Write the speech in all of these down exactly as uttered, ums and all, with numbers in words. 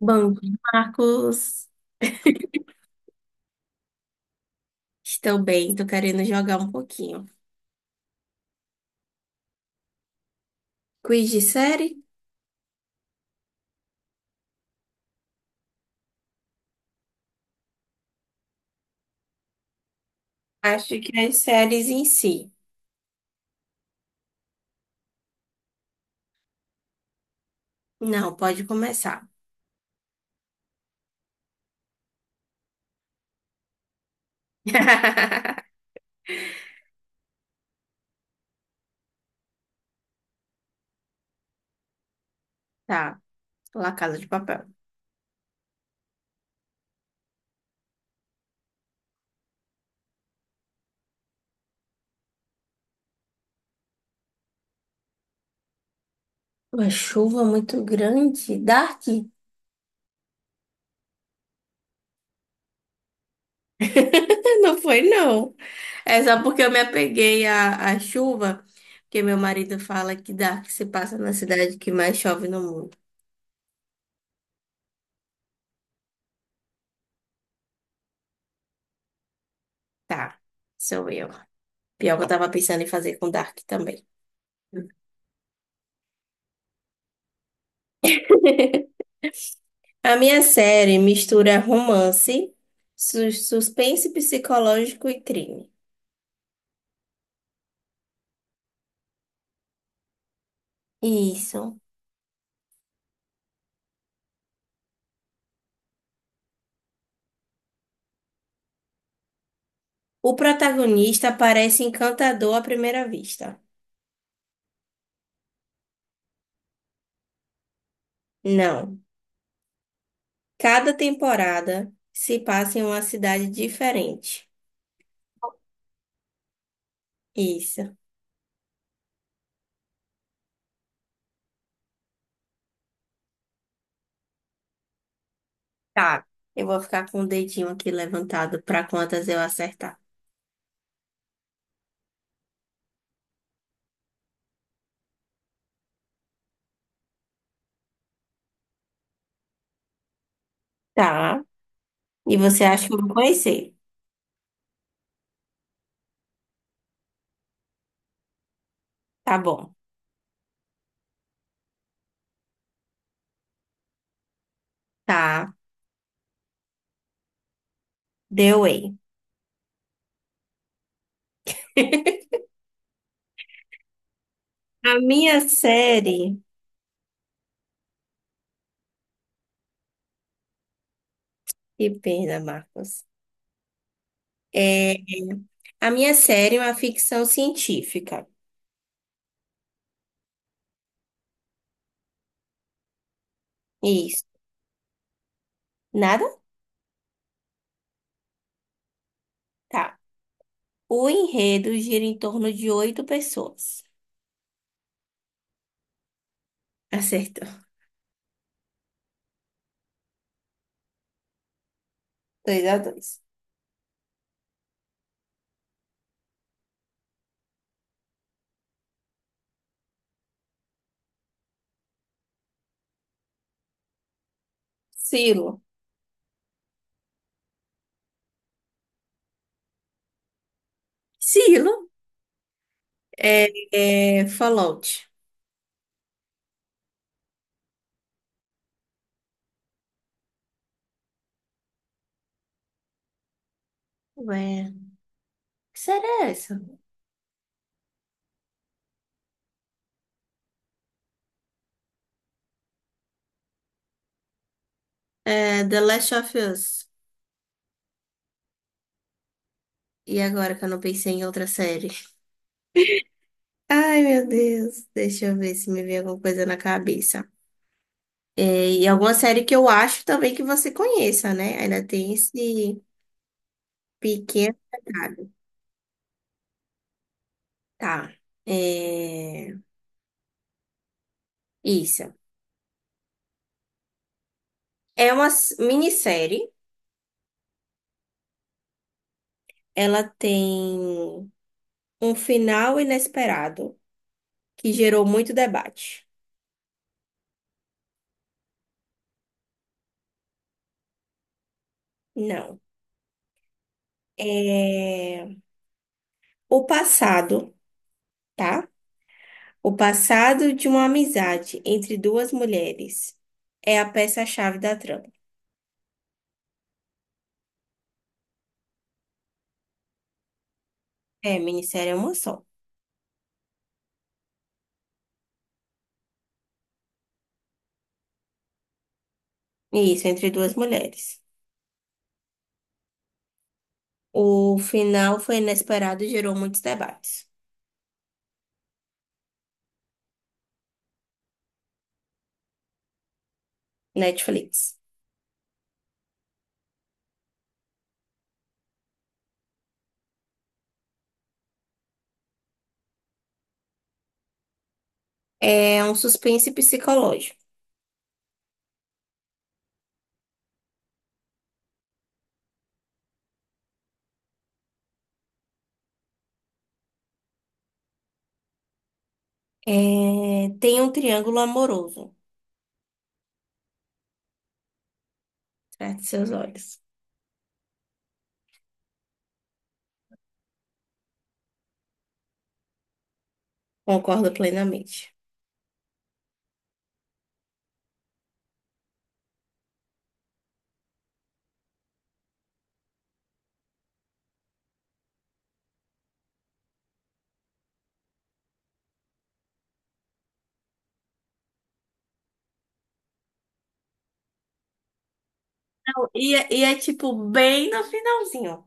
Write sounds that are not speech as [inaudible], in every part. Bom, dia, Marcos, estou bem, tô querendo jogar um pouquinho. Quiz de série? Acho que as séries em si. Não, pode começar. [laughs] Tá, La Casa de Papel. Uma chuva muito grande, Dark? [laughs] Não foi, não. É só porque eu me apeguei à, à chuva, porque meu marido fala que Dark se passa na cidade que mais chove no mundo. Tá, sou eu. Pior que eu tava pensando em fazer com Dark também. [laughs] A minha série mistura romance, su- suspense psicológico e crime. Isso. O protagonista parece encantador à primeira vista. Não. Cada temporada se passa em uma cidade diferente. Isso. Tá. Eu vou ficar com o dedinho aqui levantado para quantas eu acertar. Tá. E você acha que eu vou conhecer? Tá bom. Tá. The Way. [laughs] A minha série. Que pena, Marcos. é A minha série é uma ficção científica. Isso. Nada? Tá. O enredo gira em torno de oito pessoas. Acertou. Dois a dois. Silo. Silo é, é Fallout. Ué, que série é essa? É The Last of Us. E agora que eu não pensei em outra série? Ai, meu Deus. Deixa eu ver se me vem alguma coisa na cabeça. É, e alguma série que eu acho também que você conheça, né? Ainda tem esse pequeno detalhe. Tá. É... Isso. É uma s- minissérie. Ela tem um final inesperado que gerou muito debate. Não. É... O passado, tá? O passado de uma amizade entre duas mulheres é a peça-chave da trama. É, minissérie é uma só. Isso, entre duas mulheres. O final foi inesperado e gerou muitos debates. Netflix. É um suspense psicológico. É, tem um triângulo amoroso atrás de seus olhos. Concordo plenamente. Não, E é, e é, tipo bem no finalzinho.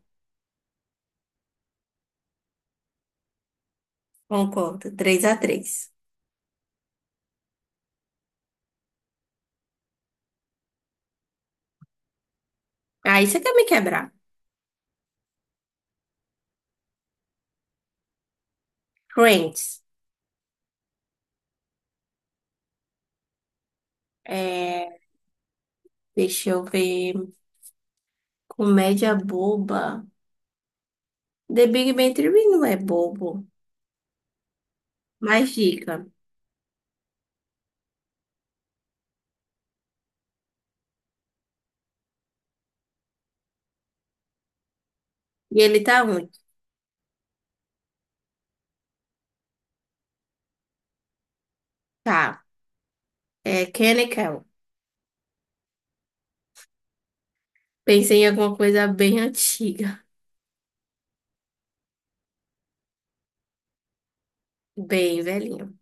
Concordo. Três a três. Aí você quer me quebrar. Friends. É, deixa eu ver. Comédia boba. The Big Bang Theory não é bobo. Mais dica. E ele tá onde? Tá. É Kenny Kel. Pensei em alguma coisa bem [laughs] antiga. Bem velhinho.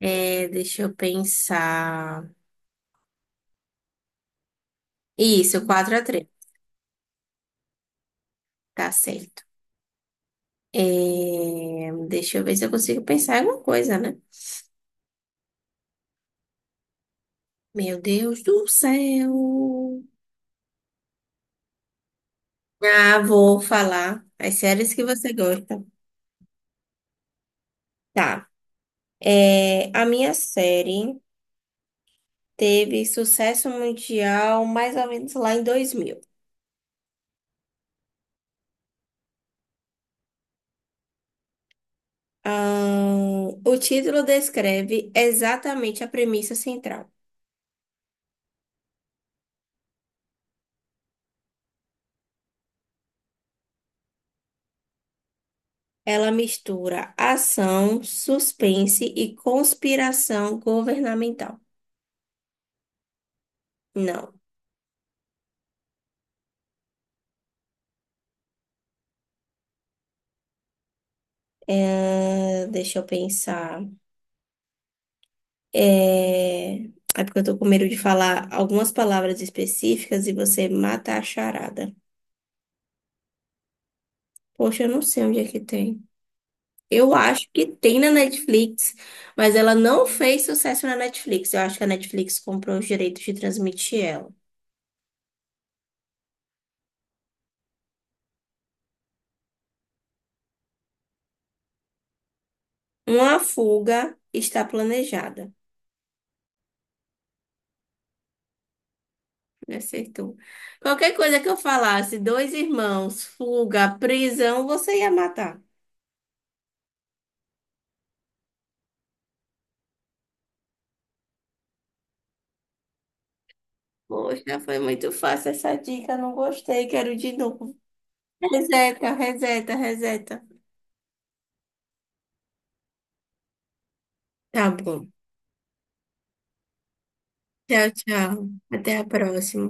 É, deixa eu pensar. Isso, quatro a três. Tá certo. É, deixa eu ver se eu consigo pensar em alguma coisa, né? Meu Deus do céu. Ah, vou falar as séries que você gosta. Tá. É, a minha série teve sucesso mundial mais ou menos lá em dois mil. Ahn, o título descreve exatamente a premissa central. Ela mistura ação, suspense e conspiração governamental. Não. É, deixa eu pensar. É, é porque eu tô com medo de falar algumas palavras específicas e você mata a charada. Poxa, eu não sei onde é que tem. Eu acho que tem na Netflix, mas ela não fez sucesso na Netflix. Eu acho que a Netflix comprou os direitos de transmitir ela. Uma fuga está planejada. Me acertou. Qualquer coisa que eu falasse, dois irmãos, fuga, prisão, você ia matar. Poxa, foi muito fácil essa dica, não gostei, quero de novo. Reseta, reseta, reseta. Tá bom. Tchau, tchau. Até a próxima.